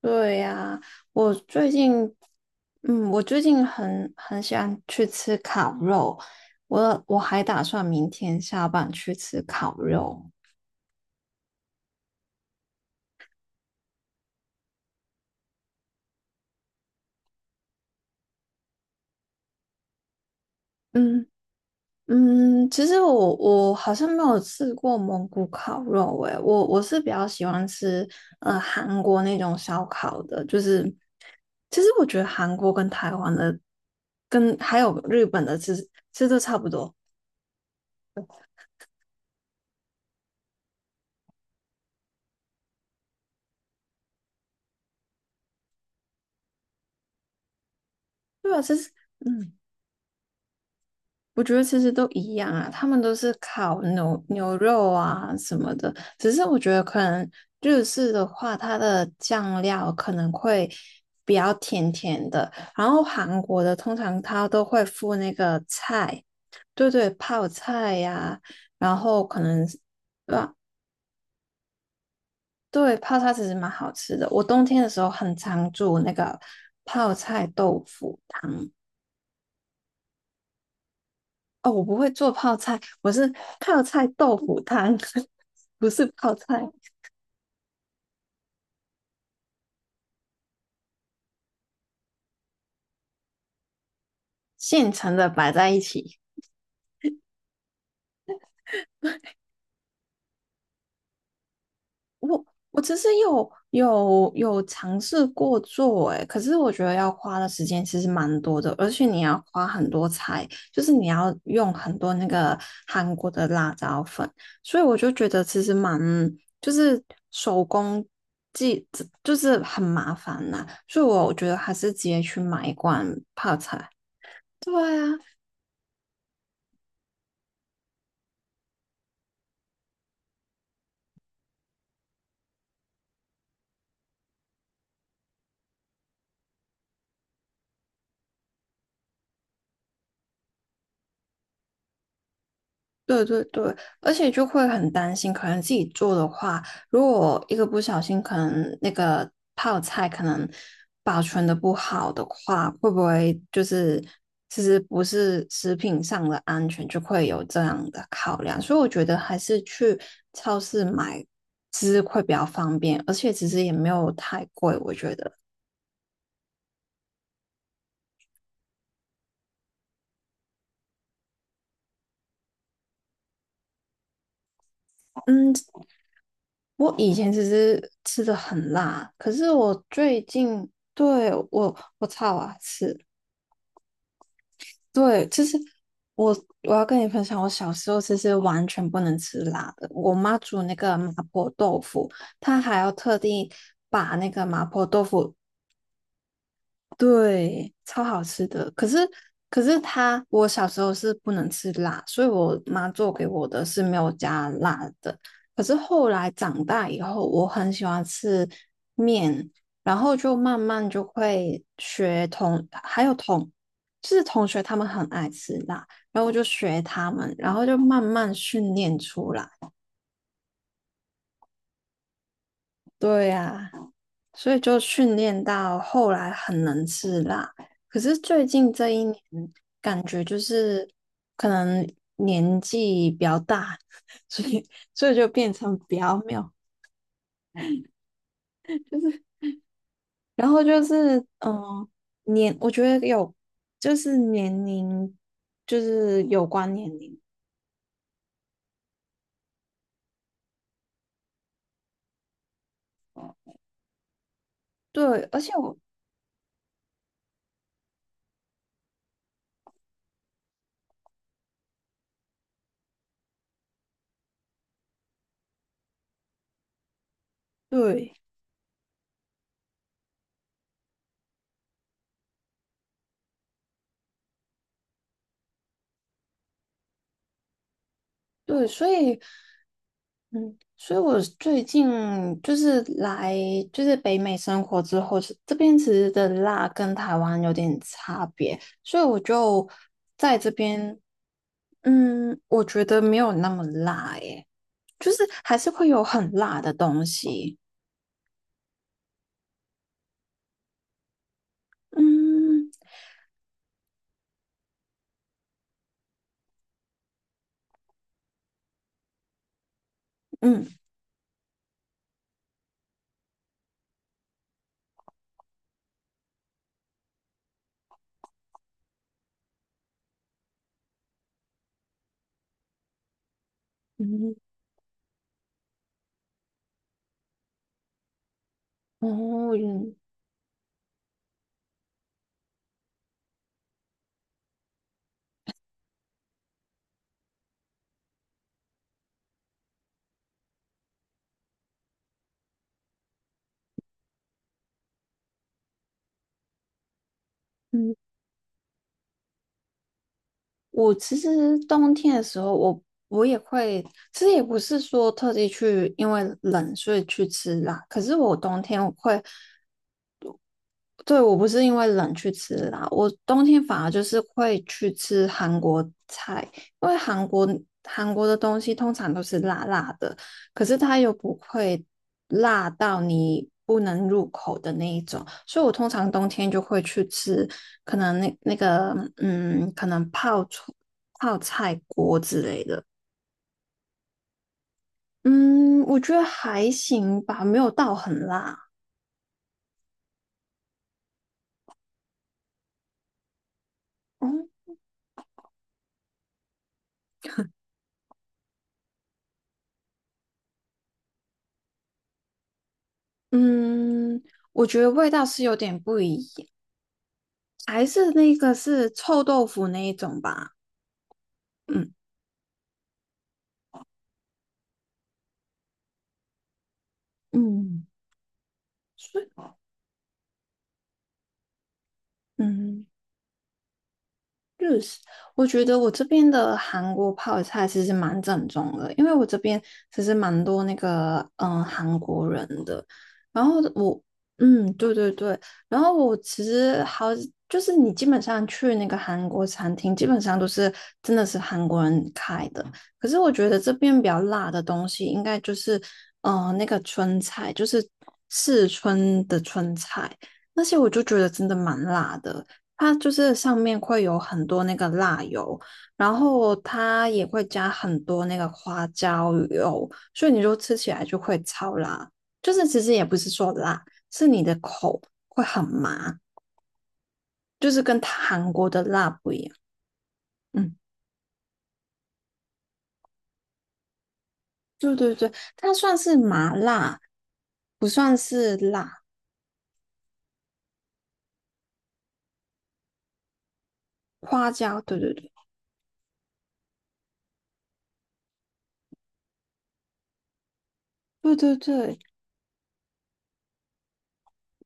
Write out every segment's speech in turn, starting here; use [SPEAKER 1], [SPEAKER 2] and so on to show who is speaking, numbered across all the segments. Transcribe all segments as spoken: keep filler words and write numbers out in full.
[SPEAKER 1] 对呀，我最近，嗯，我最近很很喜欢去吃烤肉，我我还打算明天下班去吃烤肉。嗯嗯，其实我我好像没有吃过蒙古烤肉，诶，我我是比较喜欢吃呃韩国那种烧烤的，就是其实我觉得韩国跟台湾的跟还有日本的其实其实都差不多，对吧？其实。嗯我觉得其实都一样啊，他们都是烤牛牛肉啊什么的，只是我觉得可能日式的话，它的酱料可能会比较甜甜的，然后韩国的通常它都会附那个菜，对对，泡菜呀、然后可能是啊，对，泡菜其实蛮好吃的，我冬天的时候很常煮那个泡菜豆腐汤。哦，我不会做泡菜，我是泡菜豆腐汤，不是泡菜，现成的摆在一起。我我其实有有有尝试过做，诶，可是我觉得要花的时间其实蛮多的，而且你要花很多菜，就是你要用很多那个韩国的辣椒粉，所以我就觉得其实蛮就是手工技就是很麻烦呐、所以我觉得还是直接去买一罐泡菜。对啊，对对对，而且就会很担心，可能自己做的话，如果一个不小心，可能那个泡菜可能保存的不好的话，会不会就是其实不是食品上的安全，就会有这样的考量。所以我觉得还是去超市买吃会比较方便，而且其实也没有太贵，我觉得。嗯，我以前其实吃的很辣，可是我最近对我我操啊，吃。对，其实我，我要跟你分享，我小时候其实完全不能吃辣的。我妈煮那个麻婆豆腐，她还要特地把那个麻婆豆腐对，超好吃的。可是，可是它，我小时候是不能吃辣，所以我妈做给我的是没有加辣的。可是后来长大以后，我很喜欢吃面，然后就慢慢就会学同，还有同，就是同学他们很爱吃辣，然后我就学他们，然后就慢慢训练出来。对呀、所以就训练到后来很能吃辣。可是最近这一年，感觉就是可能年纪比较大，所以所以就变成比较没有，就是然后就是嗯、呃年我觉得有就是年龄就是有关年龄，对，而且我对对，所以，嗯，所以我最近就是来就是北美生活之后，是这边其实的辣跟台湾有点差别，所以我就在这边，嗯，我觉得没有那么辣耶，就是还是会有很辣的东西。嗯嗯嗯哦嗯嗯我其实冬天的时候我，我也会，其实也不是说特地去因为冷所以去吃辣，可是我冬天我会对，我不是因为冷去吃辣，我冬天反而就是会去吃韩国菜，因为韩国韩国的东西通常都是辣辣的，可是它又不会辣到你不能入口的那一种，所以我通常冬天就会去吃，可能那那个嗯，可能泡出泡菜锅之类的。嗯，我觉得还行吧，没有到很辣。嗯嗯。我觉得味道是有点不一样。还是那个是臭豆腐那一种吧？嗯嗯，是嗯，日式，我觉得我这边的韩国泡菜其实蛮正宗的，因为我这边其实蛮多那个嗯韩国人的。然后我嗯对对对，然后我其实好就是你基本上去那个韩国餐厅，基本上都是真的是韩国人开的。可是我觉得这边比较辣的东西，应该就是嗯、呃那个春菜，就是四川的春菜，那些我就觉得真的蛮辣的。它就是上面会有很多那个辣油，然后它也会加很多那个花椒油，所以你就吃起来就会超辣。就是其实也不是说辣，是你的口会很麻，就是跟韩国的辣不一样。嗯，对对对，它算是麻辣，不算是辣。花椒，对对对对对对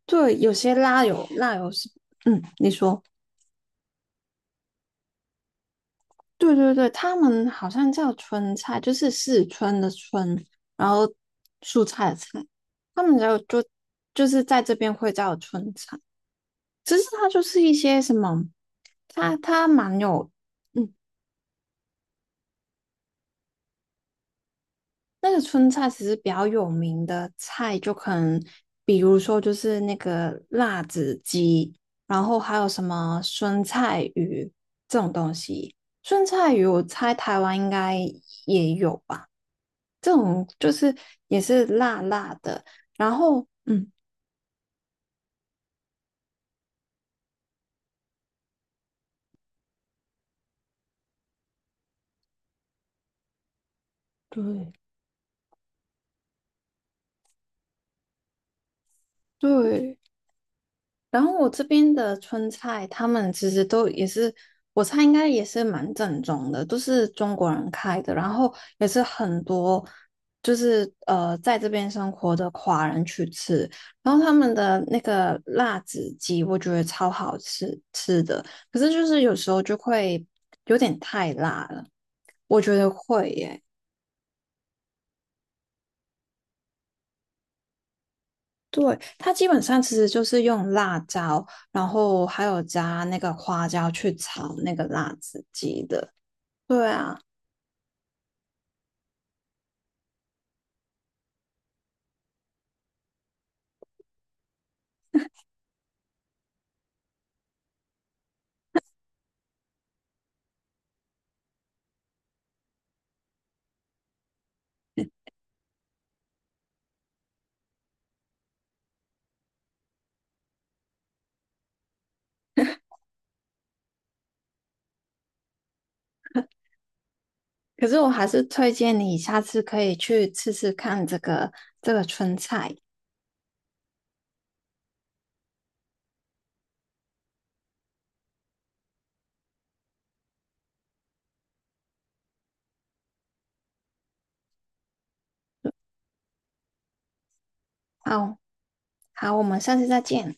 [SPEAKER 1] 对，有些辣油辣油是，嗯，你说。对对对，他们好像叫春菜，就是四川的春，然后蔬菜的菜，他们就就就是在这边会叫春菜。其实它就是一些什么，它它蛮有，嗯，那个春菜其实比较有名的菜，就可能比如说就是那个辣子鸡，然后还有什么酸菜鱼这种东西。酸菜鱼我猜台湾应该也有吧，这种就是也是辣辣的。然后，嗯，对对，然后我这边的川菜，他们其实都也是，我猜应该也是蛮正宗的，都是中国人开的，然后也是很多就是呃在这边生活的华人去吃，然后他们的那个辣子鸡，我觉得超好吃吃的，可是就是有时候就会有点太辣了，我觉得会耶。对，它基本上其实就是用辣椒，然后还有加那个花椒去炒那个辣子鸡的。对啊，可是我还是推荐你下次可以去吃吃看这个这个春菜。好，好，我们下次再见。